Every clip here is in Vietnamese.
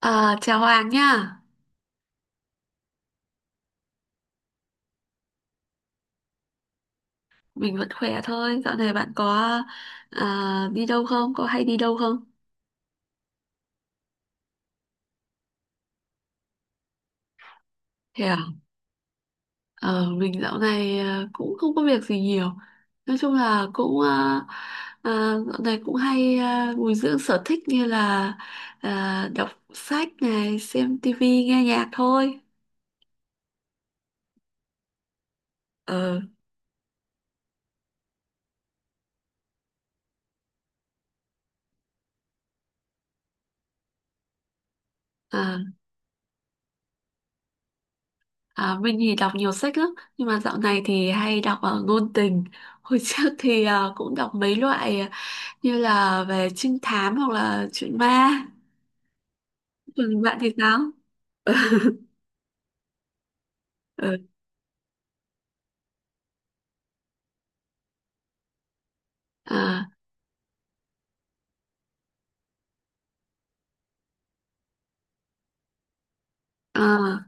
À, chào Hoàng nha, mình vẫn khỏe thôi. Dạo này bạn có đi đâu không? Có hay đi đâu không? Thế à? Ờ, mình dạo này cũng không có việc gì nhiều. Nói chung là cũng dạo này cũng hay bồi dưỡng sở thích như là đọc sách này, xem tivi, nghe nhạc thôi. Ờ, à, mình thì đọc nhiều sách lắm, nhưng mà dạo này thì hay đọc ngôn tình. Hồi trước thì cũng đọc mấy loại, như là về trinh thám hoặc là chuyện ma. Còn bạn thì sao? Ừ. à, à,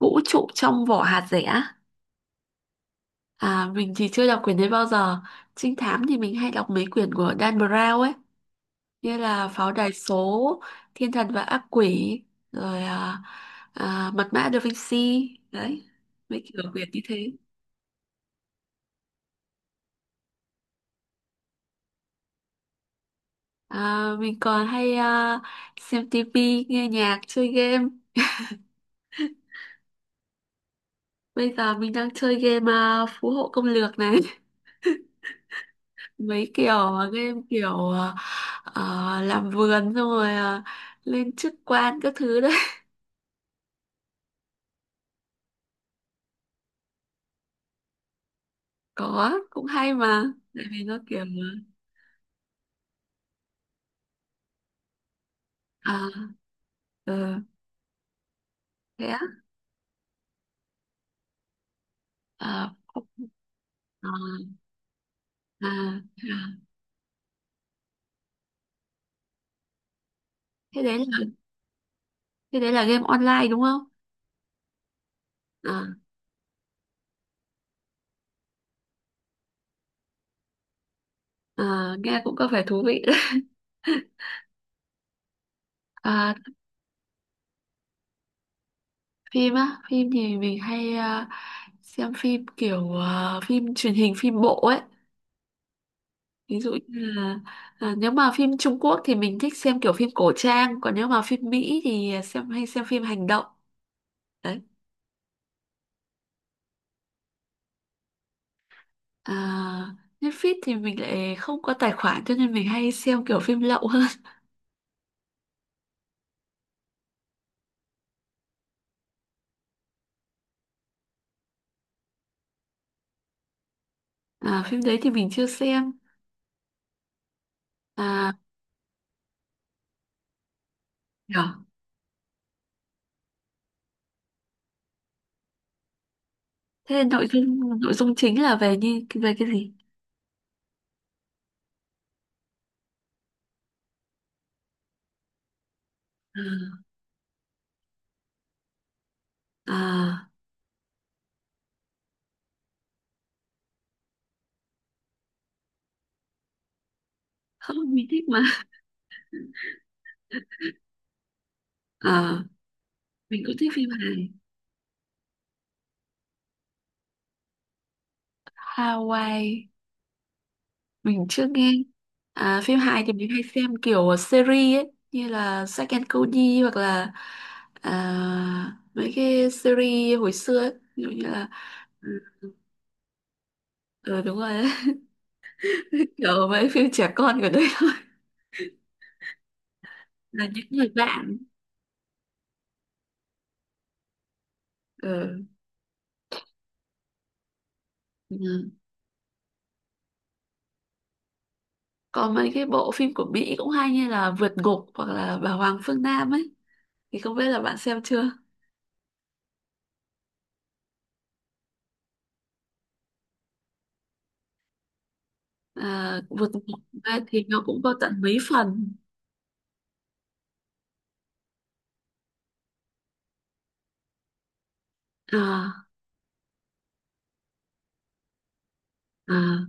vũ trụ trong vỏ hạt dẻ. Mình thì chưa đọc quyển đấy bao giờ. Trinh thám thì mình hay đọc mấy quyển của Dan Brown ấy, như là Pháo đài số, Thiên thần và ác quỷ, rồi Mật mã Da Vinci đấy, mấy kiểu quyển như thế. Mình còn hay xem tivi, nghe nhạc, chơi game. Bây giờ mình đang chơi game phú hộ công lược này. Mấy kiểu game kiểu làm vườn, xong rồi lên chức quan các thứ đấy. Có cũng hay mà, tại vì nó kiểu à, ờ, thế á. à, không- à, à, à. thế đấy là thế đấy là game online đúng không? à, nghe cũng có vẻ thú vị đấy. à, phim á, phim thì mình hay xem phim kiểu phim truyền hình, phim bộ ấy, ví dụ như là nếu mà phim Trung Quốc thì mình thích xem kiểu phim cổ trang, còn nếu mà phim Mỹ thì xem hay xem phim hành động đấy. à, Netflix thì mình lại không có tài khoản, cho nên mình hay xem kiểu phim lậu hơn. Phim đấy thì mình chưa xem. À, nhở. Thế là nội dung chính là về như về cái gì? à, à, không, mình thích mà. à, mình cũng thích phim hài. Hawaii mình chưa nghe. Phim hài thì mình hay xem kiểu series ấy, như là Zack and Cody hoặc là mấy cái series hồi xưa ấy. Ví dụ như là ừ, đúng rồi đấy. Kiểu mấy phim trẻ con của đấy thôi, là những người bạn. Ừ. Ừ. Còn mấy cái bộ phim của Mỹ cũng hay, như là Vượt Ngục hoặc là Bà Hoàng Phương Nam ấy, thì không biết là bạn xem chưa. Vượt Ngục ấy thì nó cũng có tận mấy phần. à, à,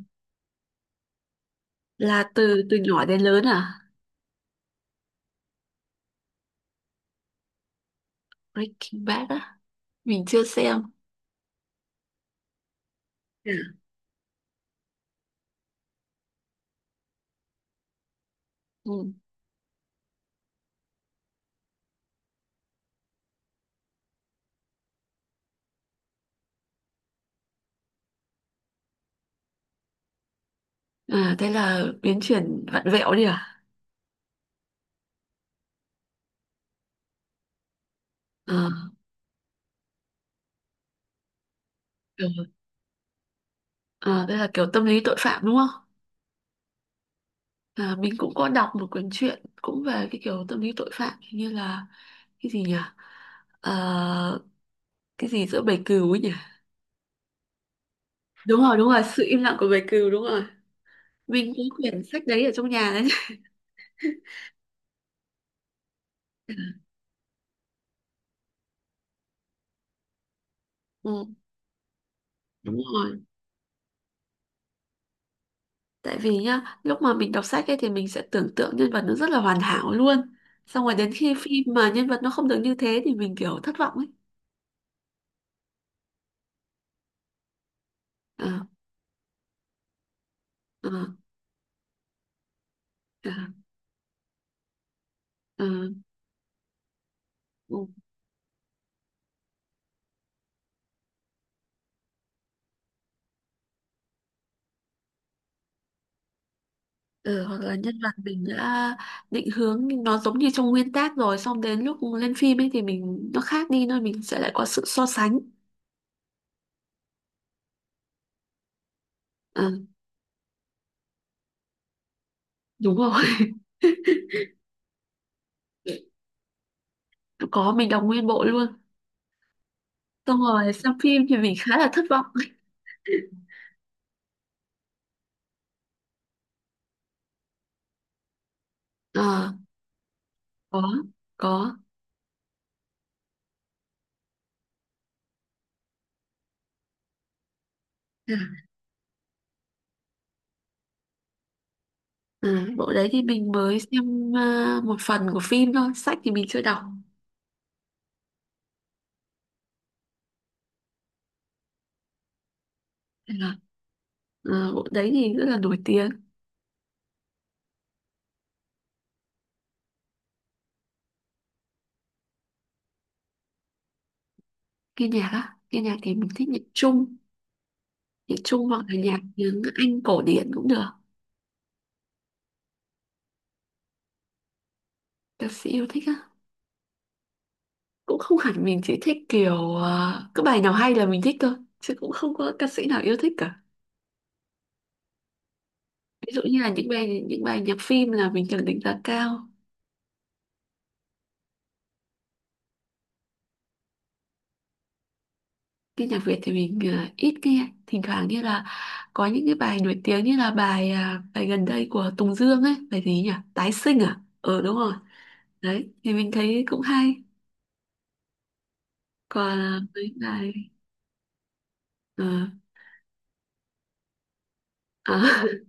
là từ từ nhỏ đến lớn à? Breaking Bad á, mình chưa xem. Ừ. Ừ. À, đây là biến chuyển vặn vẹo đi à? À, ừ. À, đây là kiểu tâm lý tội phạm đúng không? Mình cũng có đọc một cuốn truyện cũng về cái kiểu tâm lý tội phạm, hình như là cái gì nhỉ? Ờ, cái gì giữa bầy cừu ấy nhỉ? Đúng rồi, đúng rồi, sự im lặng của bầy cừu, đúng rồi. Mình có quyển sách đấy ở trong nhà đấy. Ừ, đúng rồi. Tại vì nhá, lúc mà mình đọc sách ấy thì mình sẽ tưởng tượng nhân vật nó rất là hoàn hảo luôn. Xong rồi đến khi phim mà nhân vật nó không được như thế thì mình kiểu thất vọng ấy. Ờ, ờ, ờ, ờ, ừ. Ờ, hoặc là nhân vật mình đã định hướng nó giống như trong nguyên tác, rồi xong đến lúc lên phim ấy thì mình nó khác đi, nên mình sẽ lại có sự so sánh. Ờ, đúng rồi. Có, mình đọc nguyên bộ luôn. Xong rồi xem phim thì mình khá là thất vọng. Ờ, có, có. Dạ. À, bộ đấy thì mình mới xem một phần của phim thôi, sách thì mình chưa đọc. Thế là, bộ đấy thì rất là nổi tiếng. Nghe nhạc á, nghe nhạc thì mình thích nhạc Trung hoặc là nhạc tiếng Anh cổ điển cũng được. Ca sĩ yêu thích á. Cũng không hẳn, mình chỉ thích kiểu cứ bài nào hay là mình thích thôi, chứ cũng không có ca sĩ nào yêu thích cả. Ví dụ như là những bài nhạc phim là mình cần đánh giá cao. Cái nhạc Việt thì mình ờ, ít nghe, thỉnh thoảng như là có những cái bài nổi tiếng, như là bài bài gần đây của Tùng Dương ấy, bài gì nhỉ? Tái sinh à? Ờ, đúng rồi. Đấy, thì mình thấy cũng hay. Còn mấy bài ờ, à,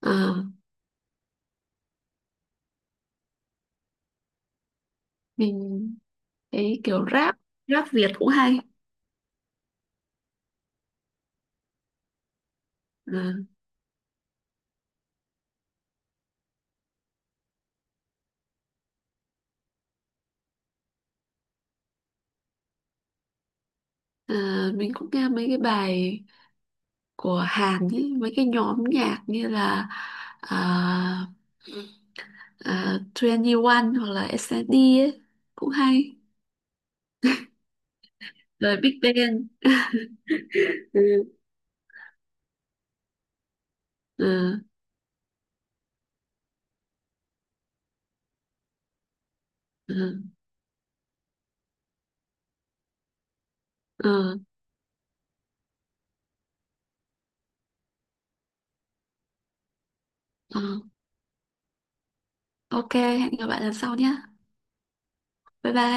ờ, mình thấy kiểu rap, rap Việt cũng hay. Ờ, ờ, mình cũng nghe mấy cái bài của Hàn ấy, mấy cái nhóm nhạc như là uh, 21 hoặc là SNSD ấy, cũng hay. Rồi Big Bang. Ừ, ừ, ừ, ừ. Ok, hẹn gặp lại lần sau nhé. Bye bye.